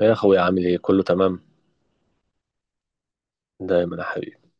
إيه يا اخويا، عامل ايه؟ كله تمام دايما يا حبيبي.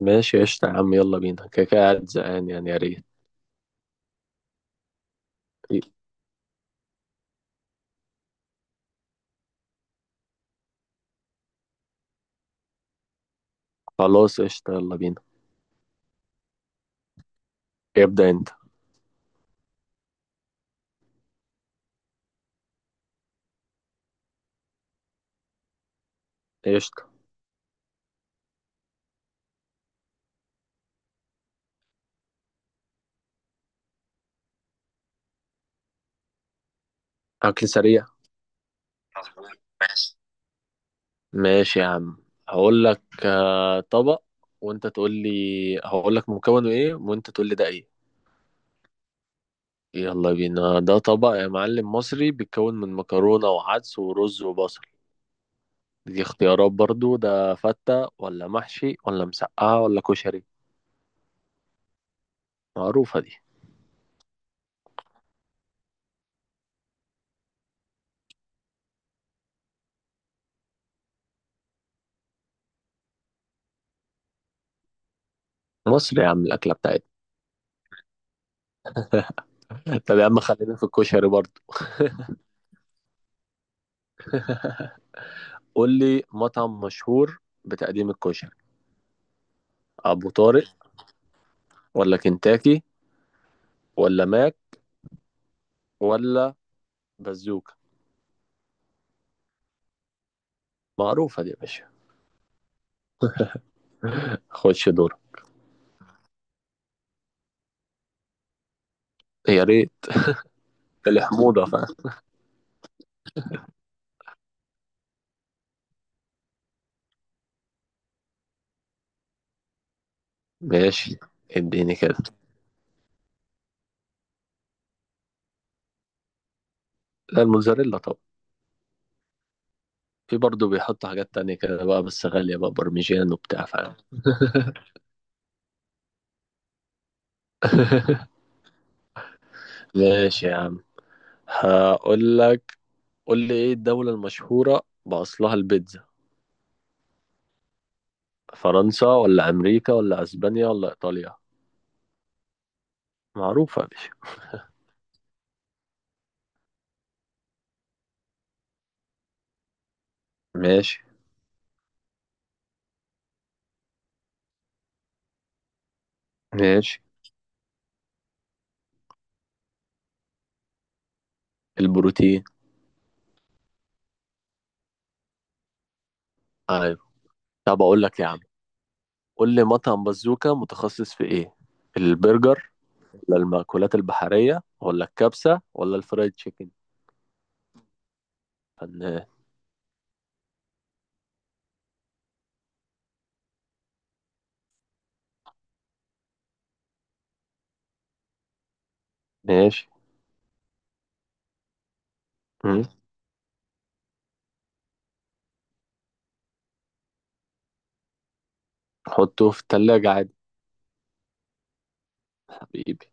ماشي قشطة يا عم، يلا بينا، كده كده قاعد زهقان يعني، يا ريت. إيه؟ خلاص قشطة، يلا بينا. ابدأ انت. قشطة. اكل سريع. مظبوط. ماشي. ماشي يا عم. هقول لك طبق، وانت تقول لي، هقول لك مكونه ايه وانت تقول لي ده ايه. يلا بينا، ده طبق يا معلم مصري بيتكون من مكرونة وعدس ورز وبصل. دي اختيارات برضو، ده فتة ولا محشي ولا مسقعة ولا كشري؟ معروفة دي. مصر يا عم، الأكلة بتاعتنا. طب يا عم خلينا في الكشري برضه. قول لي مطعم مشهور بتقديم الكشري. أبو طارق ولا كنتاكي ولا ماك ولا بازوكا؟ معروفة دي يا باشا. خش دور. يا ريت. الحموضة فاهم. ماشي اديني كده. لا، الموزاريلا طبعا. في برضه بيحط حاجات تانية كده بقى، بس غالية بقى، برمجان وبتاع فاهم. ماشي يا عم، هقول لك. قول لي ايه الدولة المشهورة بأصلها البيتزا؟ فرنسا ولا أمريكا ولا أسبانيا ولا إيطاليا؟ معروفة يا باشا. ماشي. ماشي. البروتين. أيوة. طب أقول لك يا عم. قول لي مطعم بازوكا متخصص في إيه؟ البرجر ولا المأكولات البحرية ولا الكبسة ولا الفرايد تشيكن؟ فنان. ماشي. مم. حطه في التلاجة عادي. حبيبي.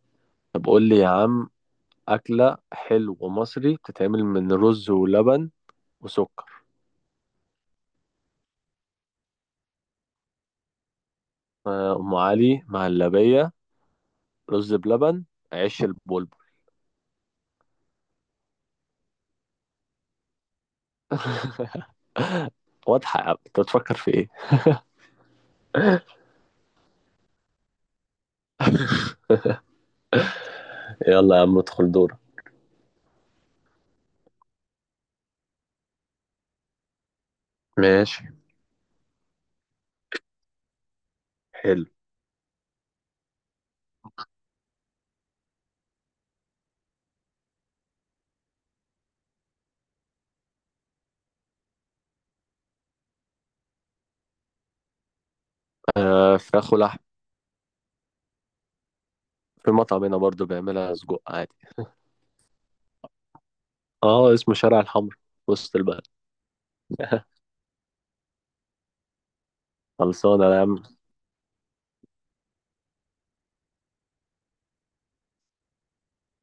طب قول لي يا عم، أكلة حلو مصري بتتعمل من رز ولبن وسكر. أم علي، مهلبية، رز بلبن، عيش البلبل. واضحة يا عم، انت بتفكر في ايه؟ يلا يا عم ادخل دورة. ماشي حلو. آه، فراخ ولحم. في مطعم هنا برضه بيعملها سجق عادي. اه، اسمه شارع الحمر، في وسط البلد. خلصانة يا عم.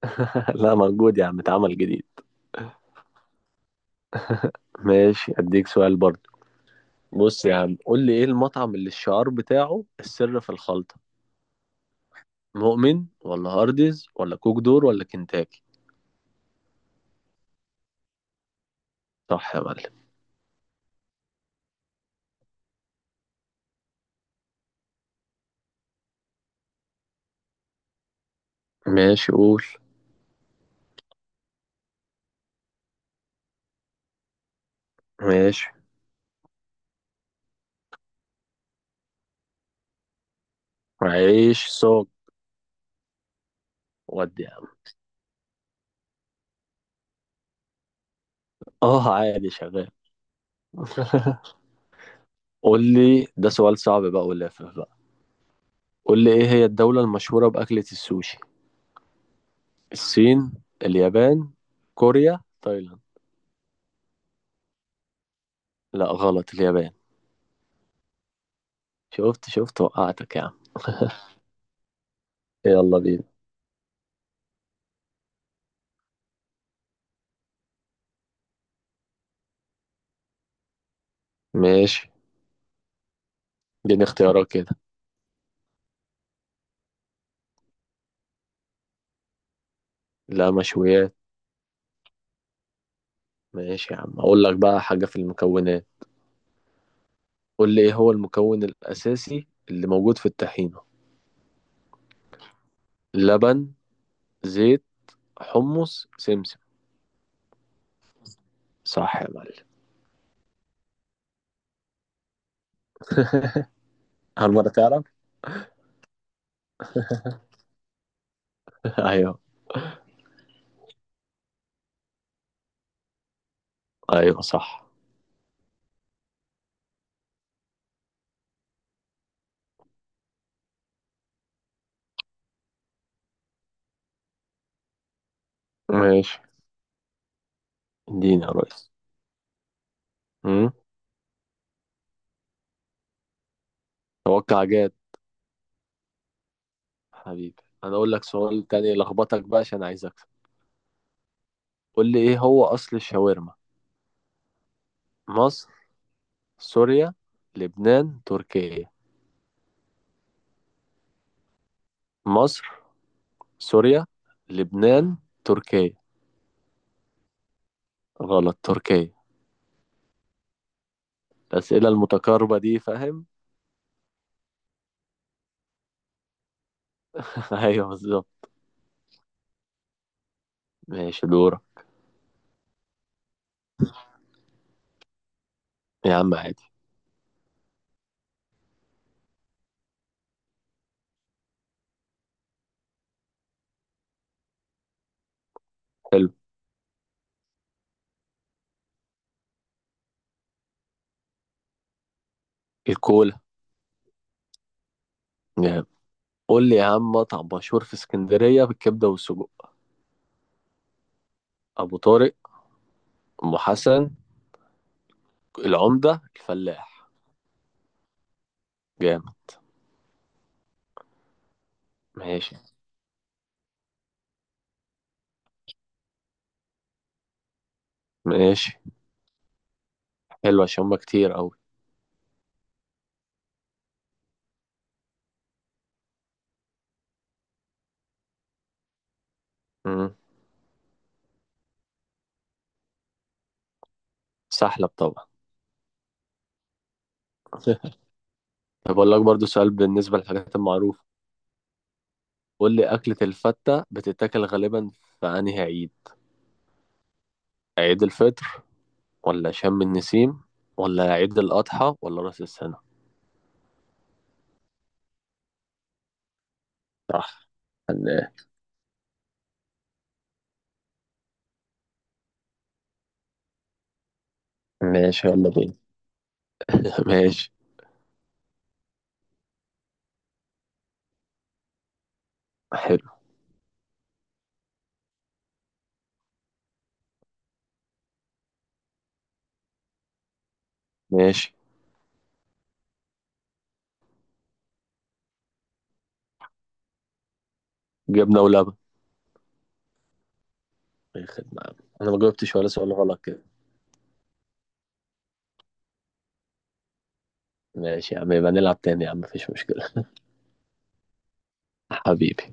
لا، موجود يا عم، اتعمل جديد. ماشي اديك سؤال برضه. بص يا عم، قول لي ايه المطعم اللي الشعار بتاعه السر في الخلطة؟ مؤمن ولا هارديز ولا كوك دور ولا كنتاكي؟ صح يا معلم. ماشي قول. ماشي. عيش سوق. ودي يا عم. اه عادي شغال. قول لي، ده سؤال صعب بقى ولافف بقى. قول لي ايه هي الدولة المشهورة بأكلة السوشي؟ الصين، اليابان، كوريا، تايلاند؟ لا غلط، اليابان. شفت شفت وقعتك يا عم. يلا بينا. ماشي، اديني اختيارات كده. لا، مشويات. ماشي يا عم، اقول لك بقى حاجة في المكونات. قول لي ايه هو المكون الأساسي اللي موجود في الطحينة؟ لبن، زيت، حمص، سمسم. صح يا معلم. هل مرة تعرف؟ ايوه. ايوه صح. ماشي. اديني يا ريس. توقع جاد. حبيبي. انا اقول لك سؤال تاني لخبطك بقى، عشان عايز اكسب. قول لي ايه هو اصل الشاورما؟ مصر، سوريا، لبنان، تركيا. مصر، سوريا، لبنان، تركيا. غلط، تركيا. الاسئله المتقاربه دي فاهم. ايوه بالظبط. ماشي دورة. يا عم عادي. حلو. الكولا. نعم. قول لي يا عم، مطعم مشهور في اسكندريه بالكبده والسجق. ابو طارق، ام حسن، العمده، الفلاح. جامد. ماشي. ماشي. حلو، عشان هما كتير أوي. امم. سحلب طبعا. طب أقول لك برضو سؤال بالنسبة للحاجات المعروفة. قول لي أكلة الفتة بتتاكل غالبا في أنهي عيد؟ عيد الفطر ولا شم النسيم ولا عيد الأضحى ولا رأس السنة؟ صح. فنان. ماشي يلا بينا. ماشي. حلو. ماشي، جبنة ولبن. أي خدمة يا عم. أنا ما جاوبتش ولا سؤال غلط كده. ماشي يا عم، يبقى نلعب تاني يا عم، مفيش مشكلة. حبيبي.